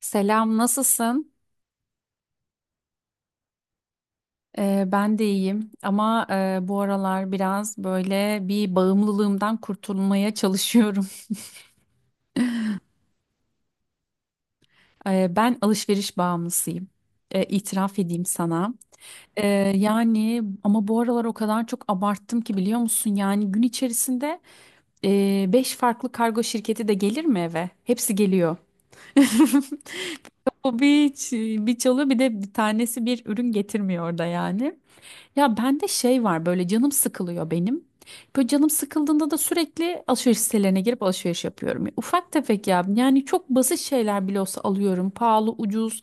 Selam, nasılsın? Ben de iyiyim ama bu aralar biraz böyle bir bağımlılığımdan kurtulmaya çalışıyorum. Ben alışveriş bağımlısıyım. İtiraf edeyim sana. Ee, Yani ama bu aralar o kadar çok abarttım ki biliyor musun? Yani gün içerisinde 5 farklı kargo şirketi de gelir mi eve? Hepsi geliyor. O bir, bir çalıyor bir de bir tanesi bir ürün getirmiyor da yani. Ya bende şey var böyle canım sıkılıyor benim. Böyle canım sıkıldığında da sürekli alışveriş sitelerine girip alışveriş yapıyorum. Ufak tefek ya yani çok basit şeyler bile olsa alıyorum. Pahalı, ucuz.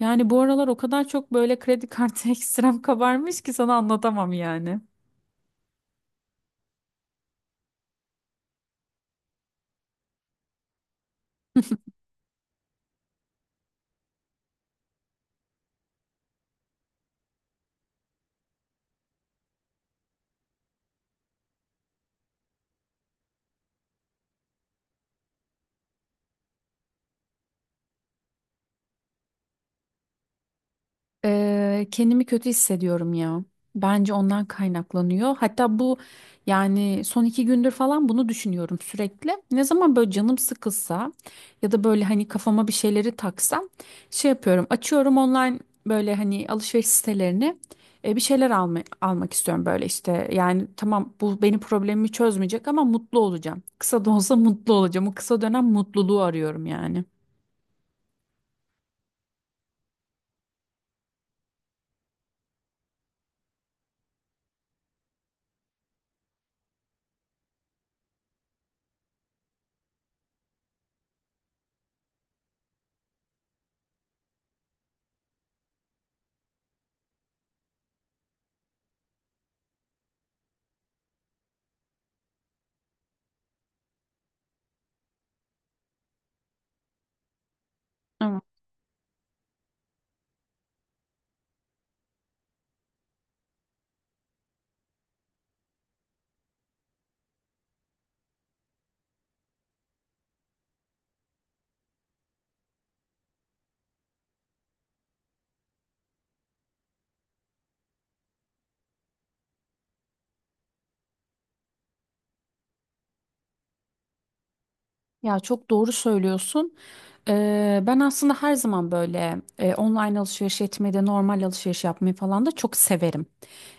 Yani bu aralar o kadar çok böyle kredi kartı ekstrem kabarmış ki sana anlatamam yani. Kendimi kötü hissediyorum ya. Bence ondan kaynaklanıyor. Hatta bu yani son iki gündür falan bunu düşünüyorum sürekli. Ne zaman böyle canım sıkılsa ya da böyle hani kafama bir şeyleri taksam şey yapıyorum. Açıyorum online böyle hani alışveriş sitelerini, bir şeyler alma, almak istiyorum böyle işte. Yani tamam, bu benim problemimi çözmeyecek ama mutlu olacağım. Kısa da olsa mutlu olacağım. O kısa dönem mutluluğu arıyorum yani. Ya çok doğru söylüyorsun. Ben aslında her zaman böyle online alışveriş etmeyi de normal alışveriş yapmayı falan da çok severim.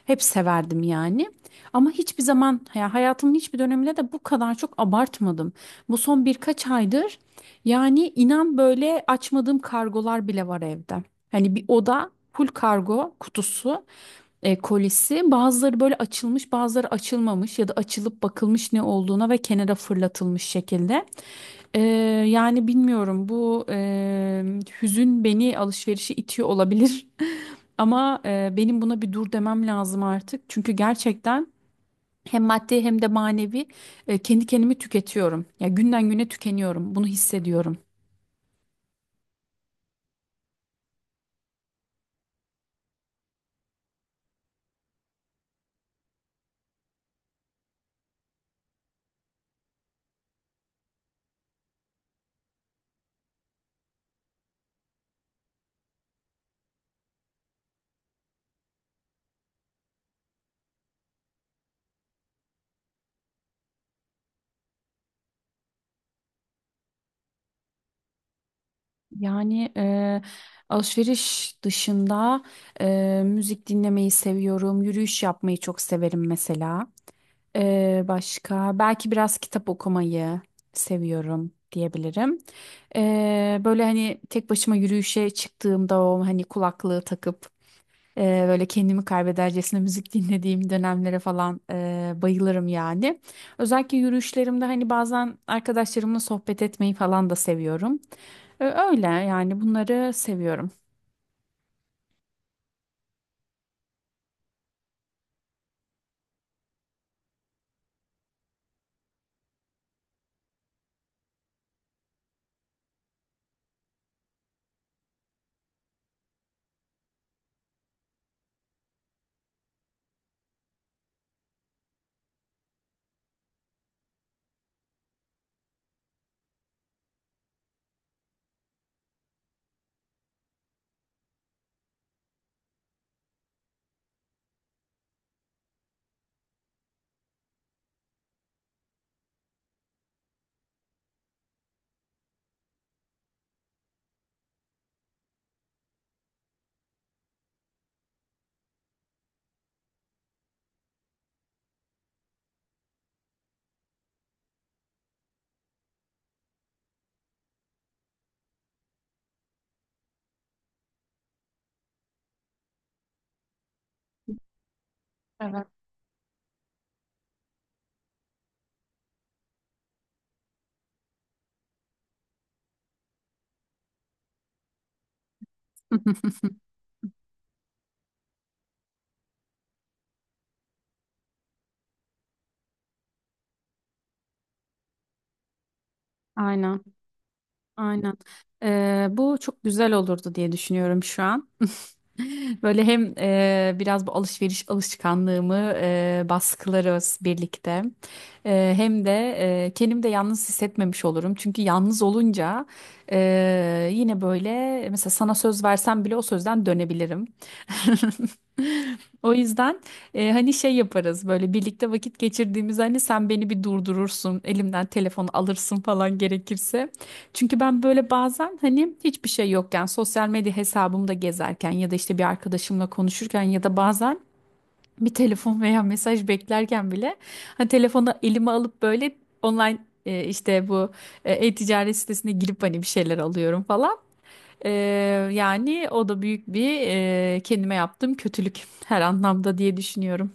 Hep severdim yani. Ama hiçbir zaman ya hayatımın hiçbir döneminde de bu kadar çok abartmadım. Bu son birkaç aydır yani inan böyle açmadığım kargolar bile var evde. Hani bir oda full kargo kutusu, kolisi. Bazıları böyle açılmış, bazıları açılmamış ya da açılıp bakılmış ne olduğuna ve kenara fırlatılmış şekilde. Ee, Yani bilmiyorum, bu hüzün beni alışverişe itiyor olabilir. Ama benim buna bir dur demem lazım artık. Çünkü gerçekten hem maddi hem de manevi, kendi kendimi tüketiyorum. Ya günden güne tükeniyorum. Bunu hissediyorum. Yani alışveriş dışında müzik dinlemeyi seviyorum. Yürüyüş yapmayı çok severim mesela. Başka belki biraz kitap okumayı seviyorum diyebilirim. Böyle hani tek başıma yürüyüşe çıktığımda o hani kulaklığı takıp böyle kendimi kaybedercesine müzik dinlediğim dönemlere falan bayılırım yani. Özellikle yürüyüşlerimde hani bazen arkadaşlarımla sohbet etmeyi falan da seviyorum. Öyle yani, bunları seviyorum. Evet. Aynen. Aynen. Bu çok güzel olurdu diye düşünüyorum şu an. Böyle hem biraz bu alışveriş alışkanlığımı baskılarız birlikte. E, hem de kendimi de yalnız hissetmemiş olurum. Çünkü yalnız olunca yine böyle mesela sana söz versem bile o sözden dönebilirim. O yüzden hani şey yaparız böyle birlikte vakit geçirdiğimiz, hani sen beni bir durdurursun elimden telefonu alırsın falan gerekirse. Çünkü ben böyle bazen hani hiçbir şey yokken sosyal medya hesabımda gezerken ya da işte bir arkadaşımla konuşurken ya da bazen bir telefon veya mesaj beklerken bile hani telefonu elime alıp böyle online, işte bu, e-ticaret sitesine girip hani bir şeyler alıyorum falan. E, Yani o da büyük bir, kendime yaptığım kötülük her anlamda diye düşünüyorum.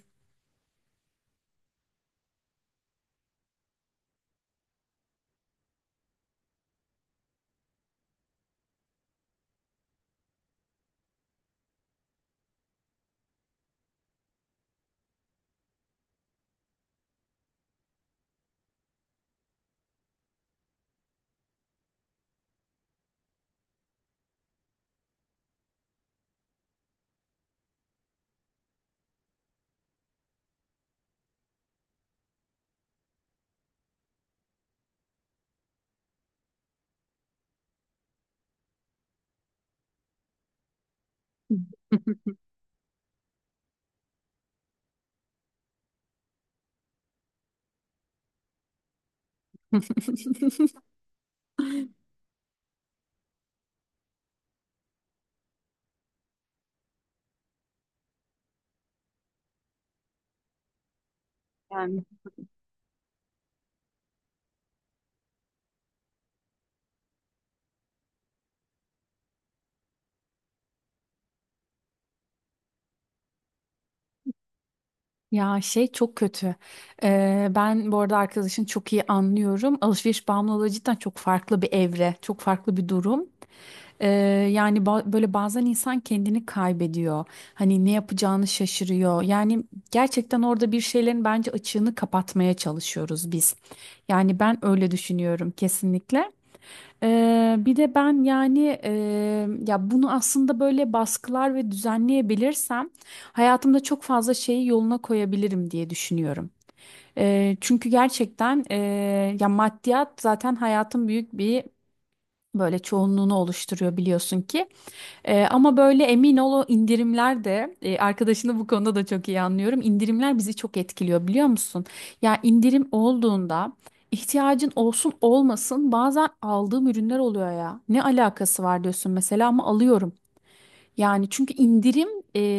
Ya şey çok kötü. Ben bu arada arkadaşın çok iyi anlıyorum. Alışveriş bağımlılığı cidden çok farklı bir evre, çok farklı bir durum. Ee, Yani böyle bazen insan kendini kaybediyor. Hani ne yapacağını şaşırıyor. Yani gerçekten orada bir şeylerin bence açığını kapatmaya çalışıyoruz biz. Yani ben öyle düşünüyorum kesinlikle. Bir de ben yani, ya bunu aslında böyle baskılar ve düzenleyebilirsem hayatımda çok fazla şeyi yoluna koyabilirim diye düşünüyorum. Çünkü gerçekten ya maddiyat zaten hayatın büyük bir böyle çoğunluğunu oluşturuyor biliyorsun ki. Ama böyle emin ol o indirimler de, arkadaşını bu konuda da çok iyi anlıyorum. İndirimler bizi çok etkiliyor biliyor musun? Ya indirim olduğunda ihtiyacın olsun olmasın bazen aldığım ürünler oluyor ya. Ne alakası var diyorsun mesela ama alıyorum. Yani çünkü indirim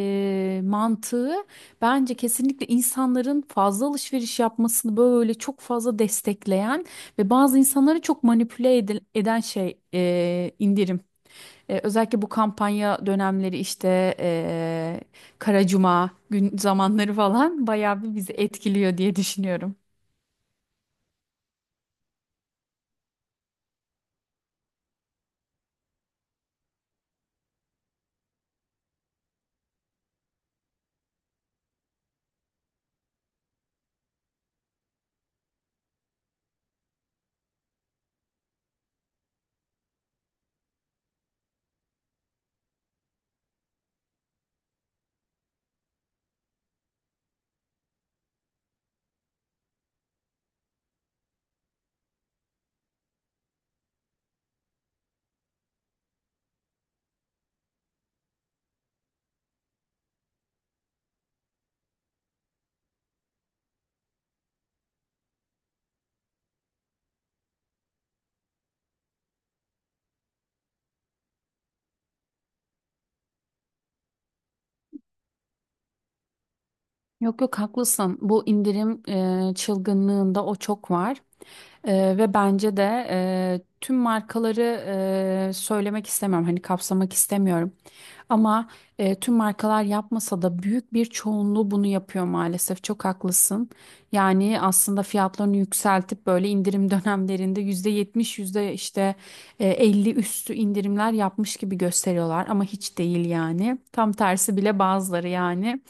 mantığı bence kesinlikle insanların fazla alışveriş yapmasını böyle çok fazla destekleyen ve bazı insanları çok manipüle eden şey indirim. E, özellikle bu kampanya dönemleri işte Kara Cuma gün zamanları falan bayağı bir bizi etkiliyor diye düşünüyorum. Yok yok, haklısın. Bu indirim çılgınlığında o çok var. E, ve bence de tüm markaları söylemek istemiyorum. Hani kapsamak istemiyorum. Ama tüm markalar yapmasa da büyük bir çoğunluğu bunu yapıyor maalesef. Çok haklısın. Yani aslında fiyatlarını yükseltip böyle indirim dönemlerinde %70, yüzde işte 50 üstü indirimler yapmış gibi gösteriyorlar ama hiç değil yani. Tam tersi bile bazıları yani.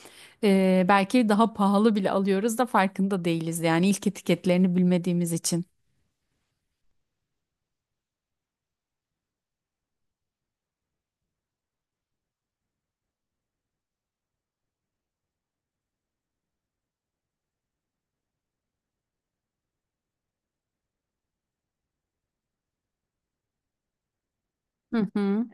E, belki daha pahalı bile alıyoruz da farkında değiliz yani ilk etiketlerini bilmediğimiz için. Hı hı.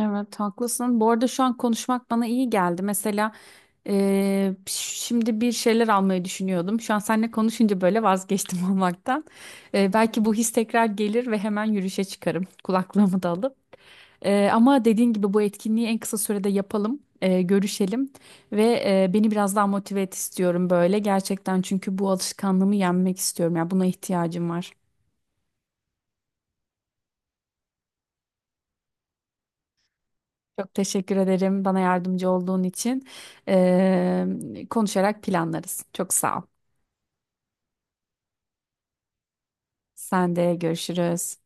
Evet, haklısın. Bu arada şu an konuşmak bana iyi geldi. Mesela şimdi bir şeyler almayı düşünüyordum. Şu an seninle konuşunca böyle vazgeçtim almaktan. Belki bu his tekrar gelir ve hemen yürüyüşe çıkarım. Kulaklığımı da alıp. Ama dediğin gibi bu etkinliği en kısa sürede yapalım. Görüşelim ve beni biraz daha motive et istiyorum böyle. Gerçekten çünkü bu alışkanlığımı yenmek istiyorum. Yani buna ihtiyacım var. Çok teşekkür ederim bana yardımcı olduğun için. Konuşarak planlarız. Çok sağ ol. Sen de, görüşürüz.